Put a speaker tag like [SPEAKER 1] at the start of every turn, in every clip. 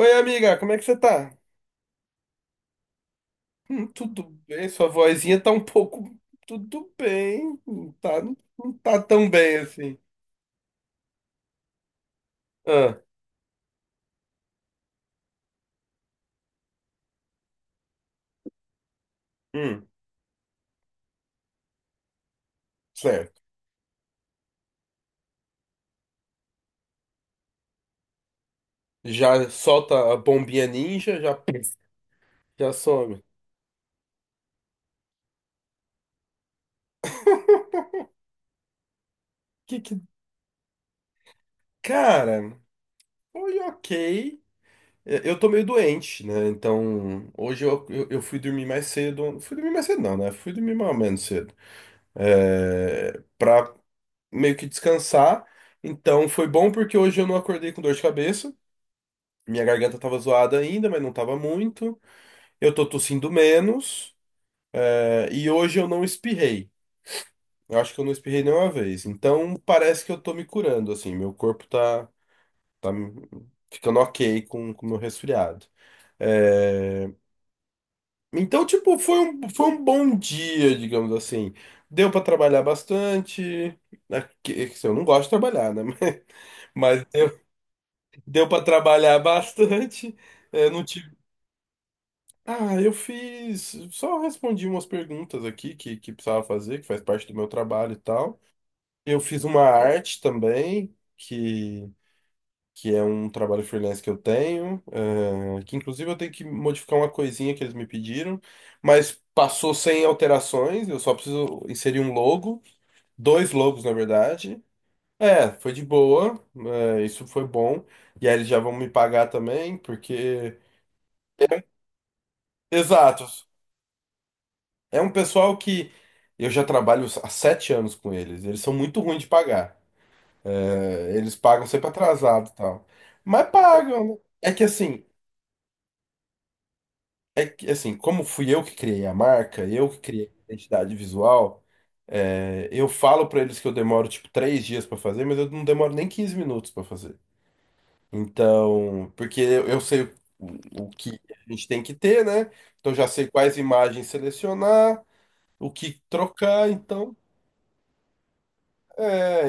[SPEAKER 1] Oi, amiga, como é que você tá? Tudo bem, sua vozinha tá um pouco. Tudo bem, não tá, não, tá tão bem assim. Ah, hum, certo. Já solta a bombinha ninja, já, já some. Que que. Cara, foi ok. Eu tô meio doente, né? Então, hoje eu fui dormir mais cedo. Fui dormir mais cedo, não, né? Fui dormir mais ou menos cedo. É, pra meio que descansar. Então, foi bom porque hoje eu não acordei com dor de cabeça. Minha garganta tava zoada ainda, mas não tava muito. Eu tô tossindo menos. É, e hoje eu não espirrei. Eu acho que eu não espirrei nenhuma vez. Então parece que eu tô me curando, assim. Meu corpo tá, tá ficando ok com o meu resfriado. É, então, tipo, foi um bom dia, digamos assim. Deu pra trabalhar bastante. Né, é que assim, eu não gosto de trabalhar, né? Mas deu, deu para trabalhar bastante. É, não tive. Ah, eu fiz. Só respondi umas perguntas aqui que precisava fazer, que faz parte do meu trabalho e tal. Eu fiz uma arte também, que é um trabalho freelance que eu tenho, que inclusive eu tenho que modificar uma coisinha que eles me pediram, mas passou sem alterações, eu só preciso inserir um logo, dois logos na verdade. É, foi de boa, isso foi bom. E aí eles já vão me pagar também, porque. Exato. É um pessoal que eu já trabalho há 7 anos com eles. Eles são muito ruins de pagar. É, eles pagam sempre atrasado e tal. Mas pagam, né? É que assim, é que assim, como fui eu que criei a marca, eu que criei a identidade visual, é, eu falo pra eles que eu demoro tipo 3 dias pra fazer, mas eu não demoro nem 15 minutos pra fazer. Então, porque eu sei o, o que a gente tem que ter, né? Então eu já sei quais imagens selecionar, o que trocar, então. É,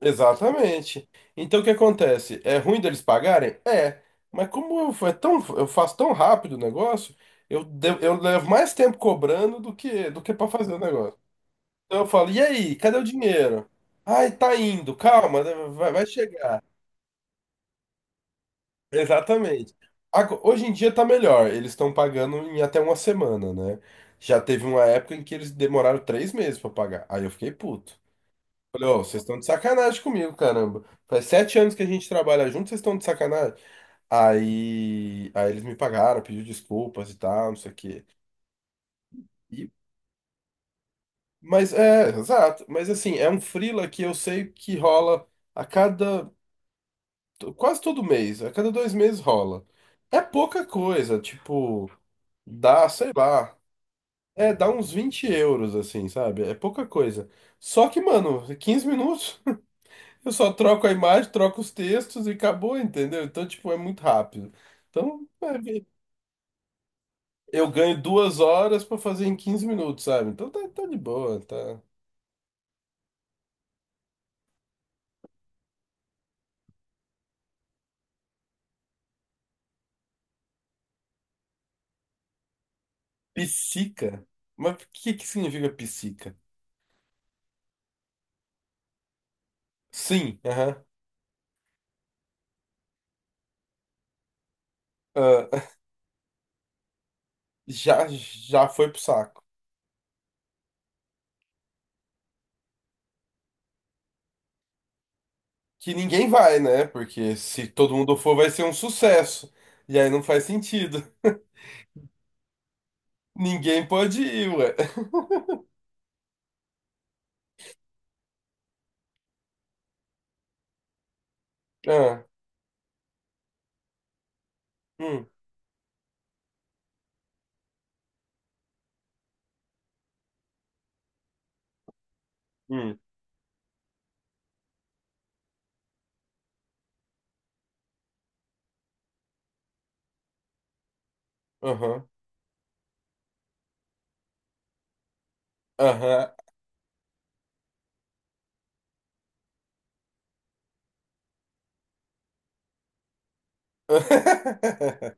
[SPEAKER 1] exatamente. Então o que acontece? É ruim deles pagarem? É. Mas como eu, é tão, eu faço tão rápido o negócio, eu, eu levo mais tempo cobrando do que para fazer o negócio. Então eu falo, e aí, cadê o dinheiro? Ai, tá indo, calma, né, vai chegar. Exatamente. Hoje em dia tá melhor, eles estão pagando em até uma semana, né? Já teve uma época em que eles demoraram 3 meses para pagar. Aí eu fiquei puto. Falei, ó, vocês estão de sacanagem comigo, caramba. Faz 7 anos que a gente trabalha junto, vocês estão de sacanagem. Aí eles me pagaram, pediu desculpas e tal, não sei o quê. E, mas é, exato. Mas assim, é um freela que eu sei que rola a cada, quase todo mês, a cada 2 meses rola. É pouca coisa, tipo, dá, sei lá, é, dá uns 20 euros, assim, sabe? É pouca coisa. Só que, mano, 15 minutos. Eu só troco a imagem, troco os textos e acabou, entendeu? Então, tipo, é muito rápido. Então, é, eu ganho 2 horas pra fazer em 15 minutos, sabe? Então tá, tá de boa, tá. Psica? Mas o que que significa psica? Sim, aham. Ah, já foi pro saco. Que ninguém vai, né? Porque se todo mundo for, vai ser um sucesso. E aí não faz sentido. Ninguém pode ir, ué. Ah, hum, hum, aham, aham.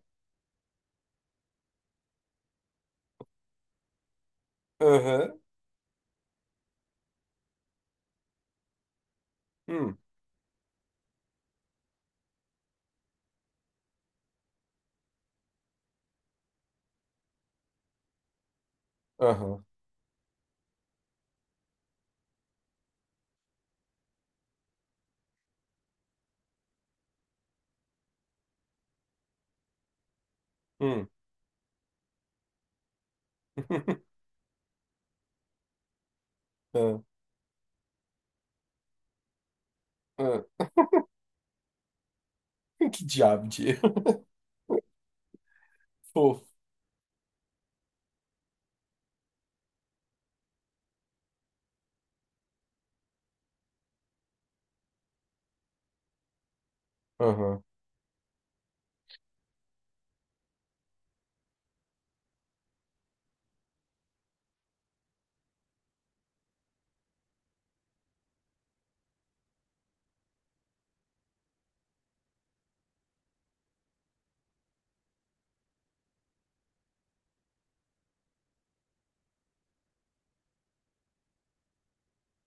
[SPEAKER 1] Aham. Hum, aham, hum, ah, ah. Que diabo de erro, fofo. Aham.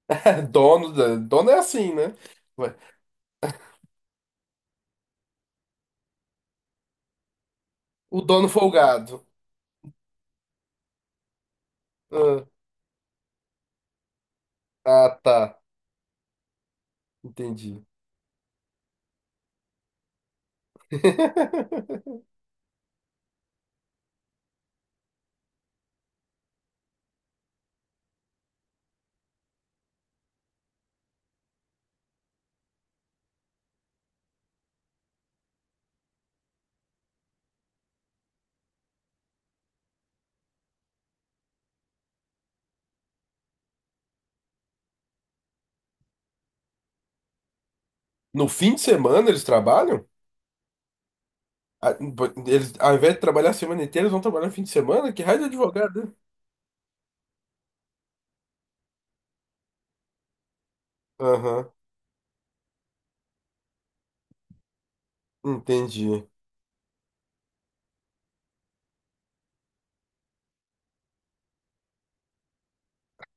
[SPEAKER 1] Dono, dono é assim, né? Ué, o dono folgado. Ah, ah, tá, entendi. No fim de semana eles trabalham? Ah, eles, ao invés de trabalhar a semana inteira, eles vão trabalhar no fim de semana? Que raio de advogado, né? Aham, entendi.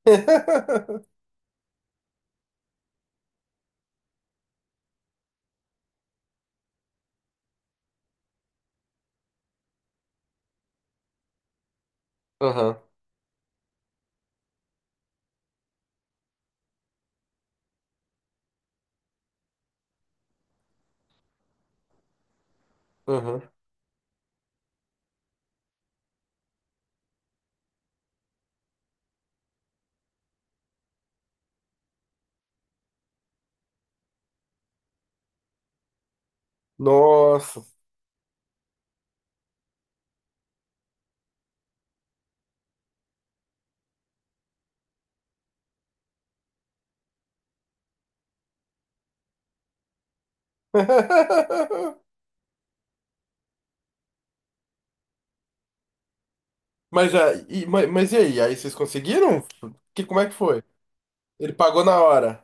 [SPEAKER 1] Aham, aham. Nossa. Mas, mas e aí? Aí vocês conseguiram? Que, como é que foi? Ele pagou na hora.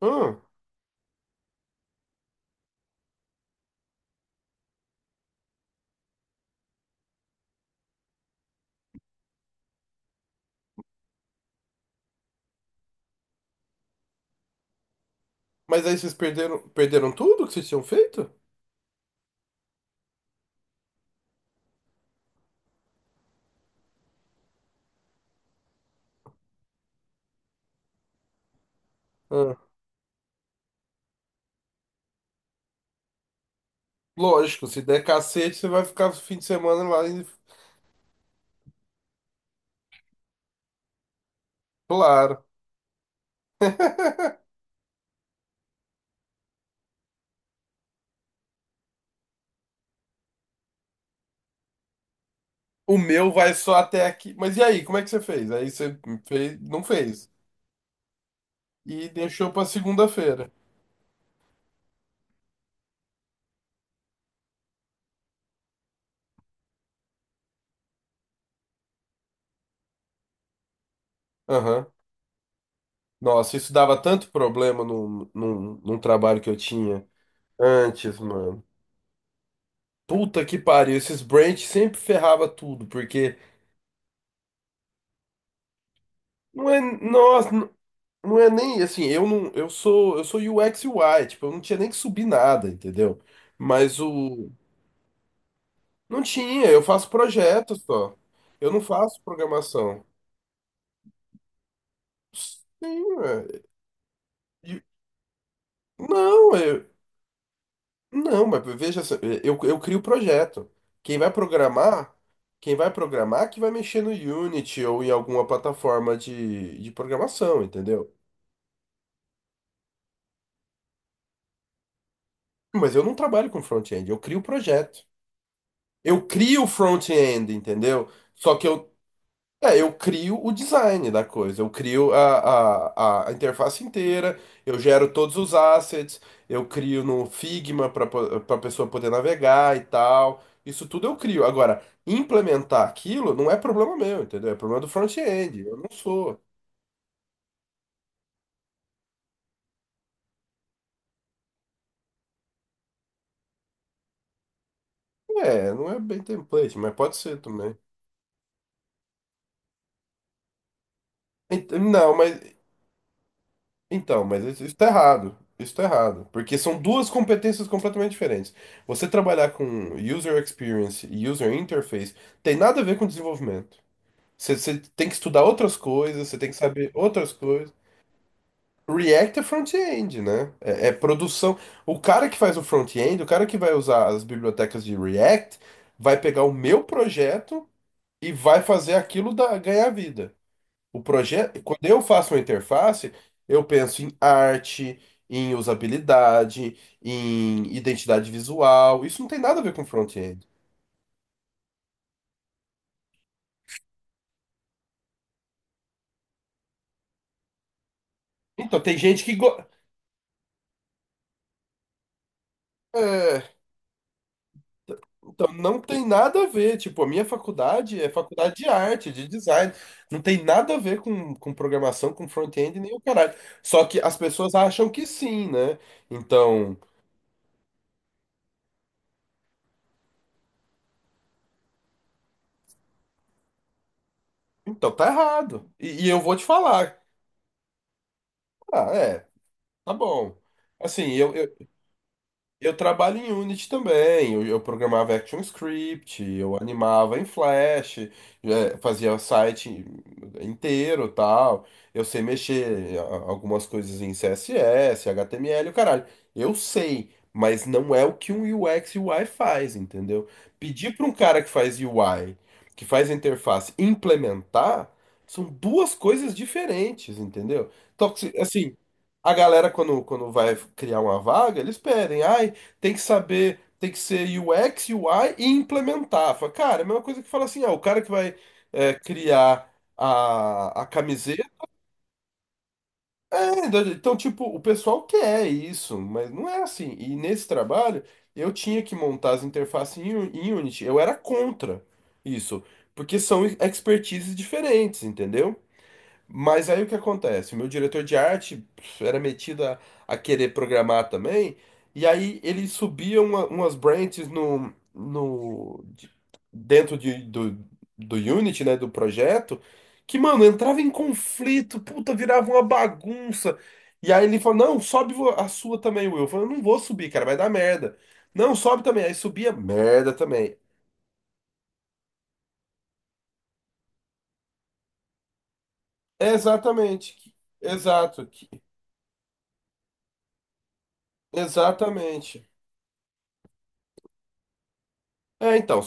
[SPEAKER 1] Hum, mas aí vocês perderam tudo que vocês tinham feito? Hum, lógico, se der cacete, você vai ficar o fim de semana lá. Claro. O meu vai só até aqui. Mas e aí, como é que você fez? Aí você fez, não fez. E deixou pra segunda-feira. Aham. Nossa, isso dava tanto problema num num trabalho que eu tinha antes, mano. Puta que pariu, esses branch sempre ferrava tudo, porque. Não é, nossa, não é nem assim, eu não, eu sou UX UI, tipo, eu não tinha nem que subir nada, entendeu? Mas o não tinha, eu faço projetos só. Eu não faço programação. Sim, é, e- não, eu, não, mas veja, só, eu crio o projeto. Quem vai programar, quem vai programar que vai mexer no Unity ou em alguma plataforma de programação, entendeu? Mas eu não trabalho com front-end, eu crio o projeto. Eu crio o front-end, entendeu? Só que eu, é, eu crio o design da coisa, eu crio a interface inteira, eu gero todos os assets, eu crio no Figma para a pessoa poder navegar e tal. Isso tudo eu crio. Agora, implementar aquilo não é problema meu, entendeu? É problema do front-end. Eu não sou. É, não é bem template, mas pode ser também. Não, mas então, mas isso está errado. Isso está errado. Porque são duas competências completamente diferentes. Você trabalhar com user experience e user interface tem nada a ver com desenvolvimento. Você tem que estudar outras coisas, você tem que saber outras coisas. React é front-end, né? É produção. O cara que faz o front-end, o cara que vai usar as bibliotecas de React, vai pegar o meu projeto e vai fazer aquilo da, ganhar vida. O projeto, quando eu faço uma interface, eu penso em arte, em usabilidade, em identidade visual. Isso não tem nada a ver com front-end. Então, tem gente que é, então, não tem nada a ver. Tipo, a minha faculdade é faculdade de arte, de design. Não tem nada a ver com programação, com front-end, nem o caralho. Só que as pessoas acham que sim, né? Então, então tá errado. E eu vou te falar. Ah, é, tá bom. Assim, eu trabalho em Unity também. Eu programava ActionScript, eu animava em Flash, fazia o site inteiro, tal. Eu sei mexer algumas coisas em CSS, HTML, o caralho. Eu sei, mas não é o que um UX e UI faz, entendeu? Pedir para um cara que faz UI, que faz interface, implementar, são duas coisas diferentes, entendeu? Então, assim, a galera, quando vai criar uma vaga, eles pedem. Ai, tem que saber, tem que ser U x UX, UI e implementar. Fala, cara, é a mesma coisa que fala assim, ah, o cara que vai é, criar a camiseta. É, então, tipo, o pessoal quer isso, mas não é assim. E nesse trabalho, eu tinha que montar as interfaces em, em Unity. Eu era contra isso, porque são expertises diferentes, entendeu? Mas aí o que acontece? O meu diretor de arte era metido a querer programar também, e aí ele subia umas branches no dentro do, do Unity, né, do projeto, que, mano, entrava em conflito, puta, virava uma bagunça. E aí ele falou, não, sobe a sua também, Will. Eu falei, eu não vou subir, cara, vai dar merda. Não, sobe também. Aí subia, merda também. Exatamente. Exato. Exatamente. É, então.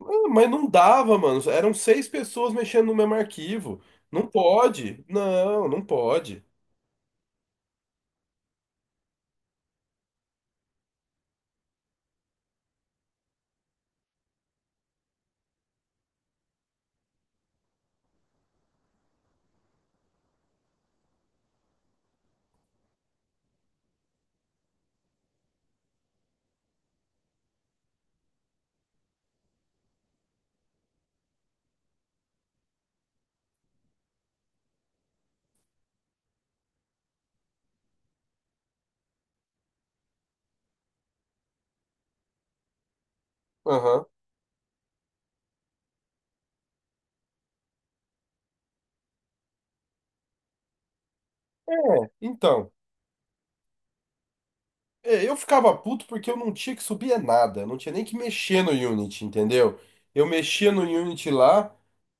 [SPEAKER 1] Ah, mas não dava, mano. Eram 6 pessoas mexendo no mesmo arquivo. Não pode. Não, não pode. Aham. É, então. É, eu ficava puto porque eu não tinha que subir é nada, eu não tinha nem que mexer no Unity, entendeu? Eu mexia no Unity lá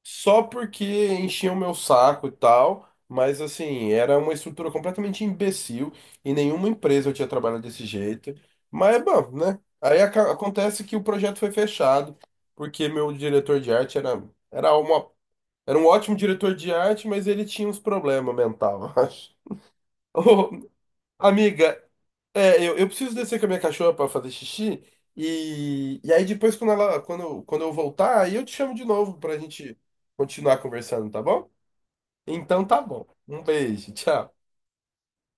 [SPEAKER 1] só porque enchia o meu saco e tal, mas assim, era uma estrutura completamente imbecil e nenhuma empresa eu tinha trabalhado desse jeito. Mas, bom, né? Aí acontece que o projeto foi fechado porque meu diretor de arte era, era uma, era um ótimo diretor de arte, mas ele tinha uns problemas mental, eu acho. Ô, amiga, é, eu preciso descer com a minha cachorra pra fazer xixi. E aí depois, quando ela, quando eu voltar, aí eu te chamo de novo pra gente continuar conversando, tá bom? Então tá bom. Um beijo, tchau.